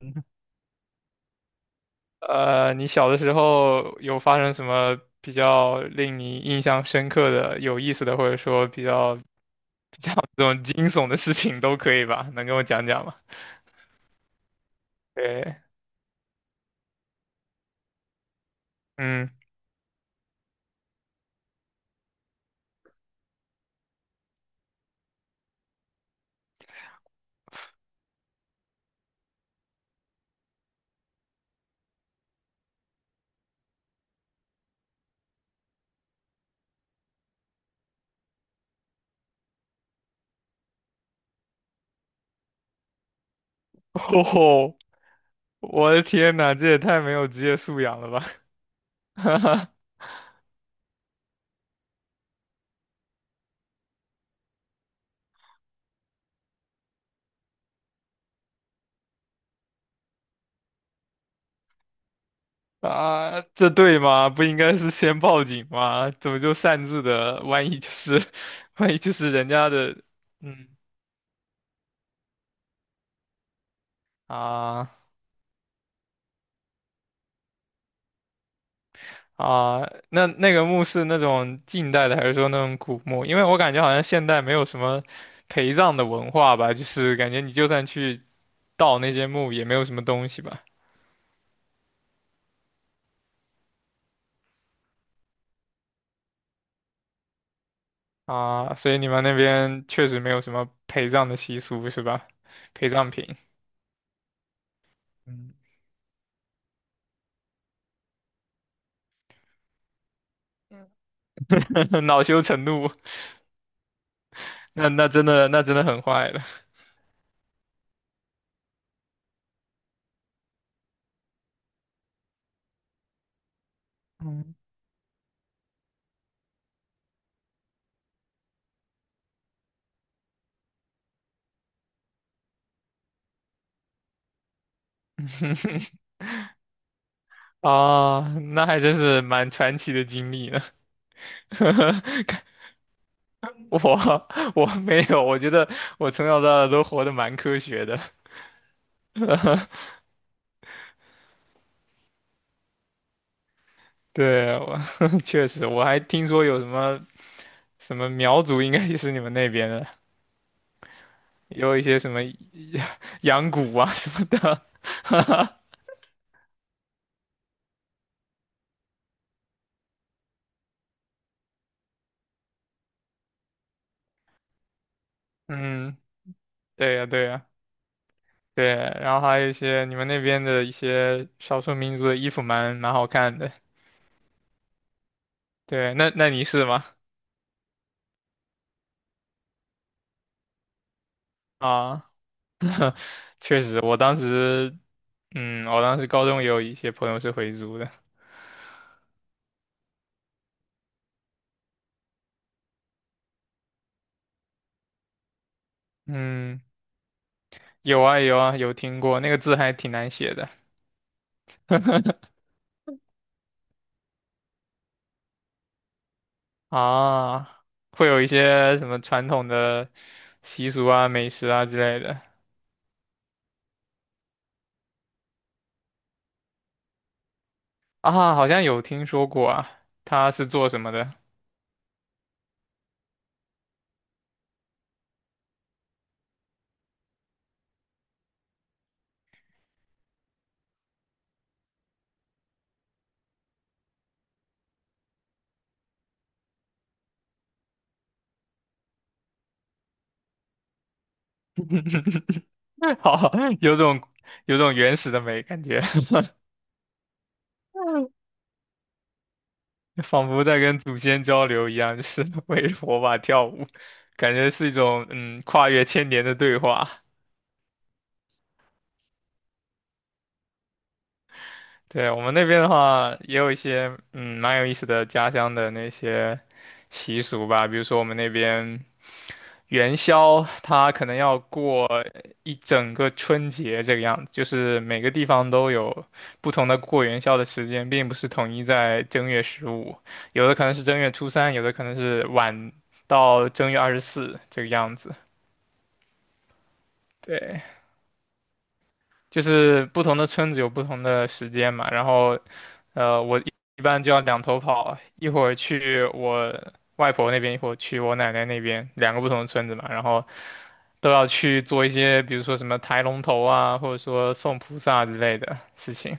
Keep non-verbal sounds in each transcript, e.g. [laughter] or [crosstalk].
[laughs] 你小的时候有发生什么比较令你印象深刻的、有意思的，或者说比较这种惊悚的事情都可以吧？能跟我讲讲吗？对，嗯。[laughs] 哦，我的天呐，这也太没有职业素养了吧！[laughs] 哈哈啊，这对吗？不应该是先报警吗？怎么就擅自的？万一就是，[laughs] 万一就是人家的，嗯啊。啊，那个墓是那种近代的，还是说那种古墓？因为我感觉好像现代没有什么陪葬的文化吧，就是感觉你就算去盗那些墓，也没有什么东西吧。啊，所以你们那边确实没有什么陪葬的习俗是吧？陪葬品，嗯。[laughs] 恼羞成怒，那真的很坏了。嗯啊，那还真是蛮传奇的经历呢。[laughs] [laughs] 我我没有，我觉得我从小到大都活得蛮科学的。[laughs] 对，我 [laughs] 确实，我还听说有什么什么苗族，应该也是你们那边的，也有一些什么 [laughs] 羊骨啊什么的。[laughs] 嗯，对呀，对呀，对。然后还有一些你们那边的一些少数民族的衣服蛮好看的。对，那那你是吗？啊，确实，我当时，嗯，我当时高中也有一些朋友是回族的。嗯。有啊有啊，有听过，那个字还挺难写的。 [laughs] 啊，会有一些什么传统的习俗啊、美食啊之类的。啊，好像有听说过啊，他是做什么的？[laughs] 好，有种有种原始的美感觉。[laughs] 仿佛在跟祖先交流一样，就是 [laughs] 围着火把跳舞，感觉是一种跨越千年的对话。对，我们那边的话，也有一些蛮有意思的家乡的那些习俗吧，比如说我们那边元宵，它可能要过一整个春节这个样子，就是每个地方都有不同的过元宵的时间，并不是统一在正月十五，有的可能是正月初三，有的可能是晚到正月二十四这个样子。对，就是不同的村子有不同的时间嘛，然后我一般就要两头跑，一会儿去我外婆那边，一会儿去我奶奶那边，两个不同的村子嘛，然后都要去做一些，比如说什么抬龙头啊，或者说送菩萨之类的事情。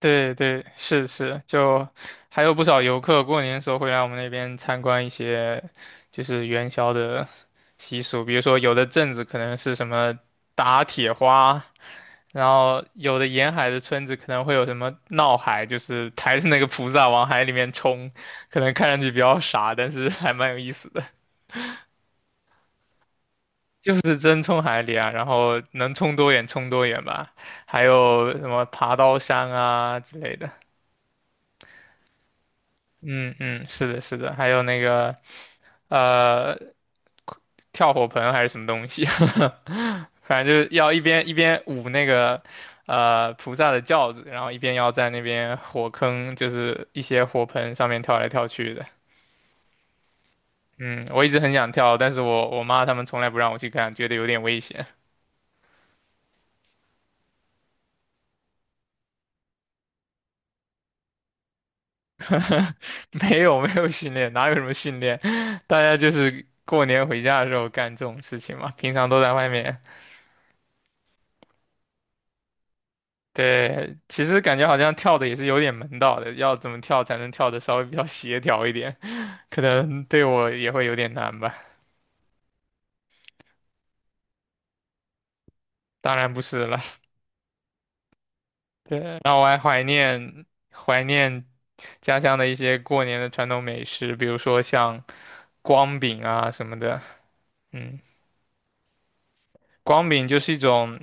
对对，是是，就还有不少游客过年的时候会来我们那边参观一些，就是元宵的习俗，比如说有的镇子可能是什么打铁花，然后有的沿海的村子可能会有什么闹海，就是抬着那个菩萨往海里面冲，可能看上去比较傻，但是 [laughs] 还蛮有意思的，就是真冲海里啊，然后能冲多远冲多远吧，还有什么爬刀山啊之类的。嗯嗯，是的，是的，还有那个呃，跳火盆还是什么东西。[laughs] 反正就是要一边舞那个菩萨的轿子，然后一边要在那边火坑，就是一些火盆上面跳来跳去的。嗯，我一直很想跳，但是我妈他们从来不让我去看，觉得有点危险。[laughs] 没有没有训练，哪有什么训练？[laughs] 大家就是过年回家的时候干这种事情嘛，平常都在外面对，感觉好像跳的也是有点门道的，要怎么跳才能跳的稍微比较协调一点。[laughs] 可能对我也会有点难吧。当然不是了，对，然后我还怀念家乡的一些过年的传统美食，比如说像光饼啊什么的，嗯。光饼就是一种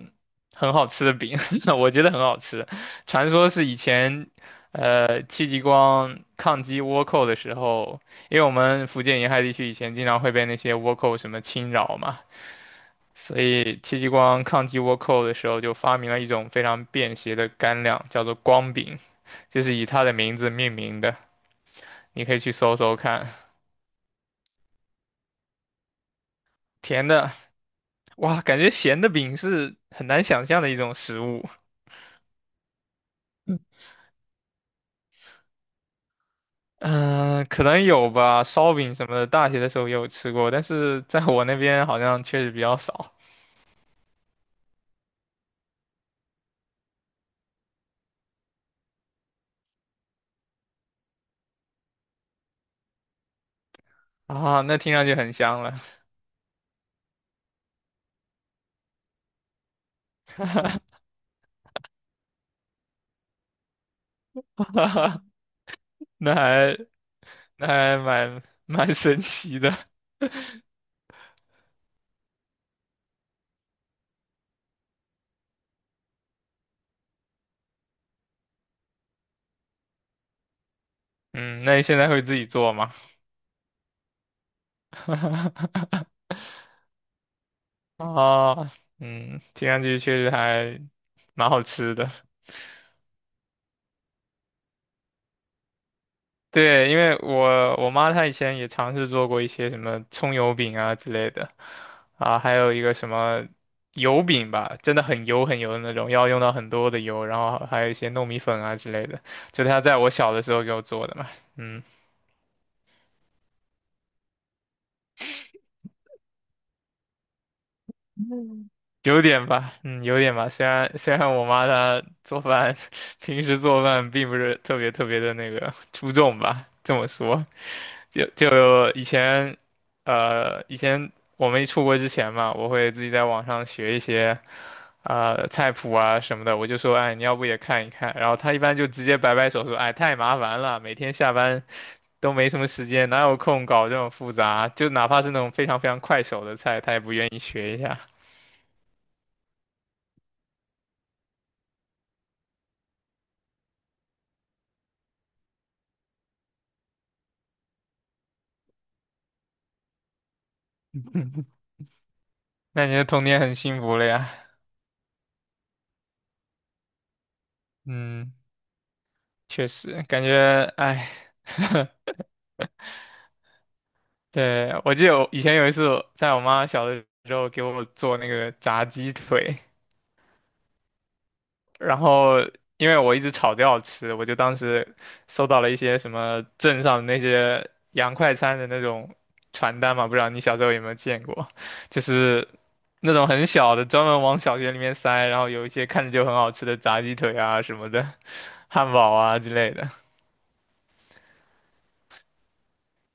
很好吃的饼。[laughs] 我觉得很好吃。传说是以前，戚继光抗击倭寇的时候，因为我们福建沿海地区以前经常会被那些倭寇什么侵扰嘛，所以戚继光抗击倭寇的时候就发明了一种非常便携的干粮，叫做光饼，就是以它的名字命名的。你可以去搜搜看，甜的，哇，感觉咸的饼是很难想象的一种食物。嗯、可能有吧，烧饼什么的，大学的时候也有吃过，但是在我那边好像确实比较少啊。那听上去很香了。[laughs] 那还那还蛮神奇的。嗯，那你现在会自己做吗？[laughs] 啊，嗯，听上去确实还蛮好吃的。对，因为我妈她以前也尝试做过一些什么葱油饼啊之类的，啊，还有一个什么油饼吧，真的很油很油的那种，要用到很多的油，然后还有一些糯米粉啊之类的，就她在我小的时候给我做的嘛，嗯。有点吧，嗯，有点吧。虽然我妈她做饭，[laughs] 平时做饭并不是特别特别的那个出众吧，这么说，就以前，以前我没出国之前嘛，我会自己在网上学一些，菜谱啊什么的。我就说，哎，你要不也看一看？然后她一般就直接摆摆手说，哎，太麻烦了，每天下班都没什么时间，哪有空搞这种复杂？就哪怕是那种非常非常快手的菜，她也不愿意学一下。那你的童年很幸福了呀。嗯，确实，感觉，哎。[laughs] 对，我记得我以前有一次我在我妈小的时候给我做那个炸鸡腿，然后因为我一直吵着要吃，我就当时收到了一些什么镇上的那些洋快餐的那种传单嘛，不知道你小时候有没有见过，就是那种很小的，专门往小学里面塞，然后有一些看着就很好吃的炸鸡腿啊什么的。[laughs] 汉堡啊之类的。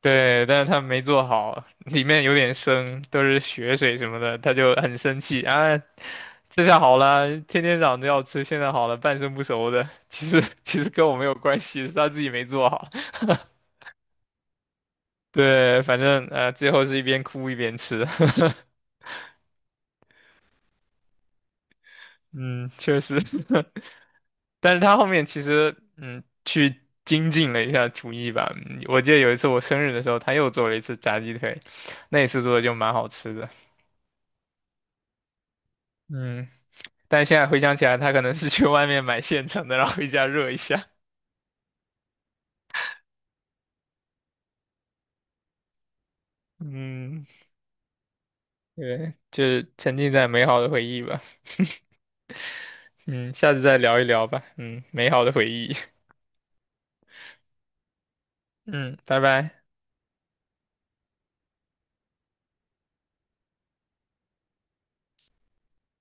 对，但是他没做好，里面有点生，都是血水什么的，他就很生气啊。这下好了，天天嚷着要吃，现在好了，半生不熟的，其实跟我没有关系，是他自己没做好。对，反正最后是一边哭一边吃。[laughs] 嗯，确实。[laughs] 但是他后面其实去精进了一下厨艺吧。嗯我记得有一次我生日的时候，他又做了一次炸鸡腿，那一次做的就蛮好吃的。嗯，但现在回想起来，他可能是去外面买现成的，然后回家热一下。嗯，对，就是沉浸在美好的回忆吧。[laughs] 嗯，下次再聊一聊吧。嗯，美好的回忆。[laughs] 嗯，拜拜。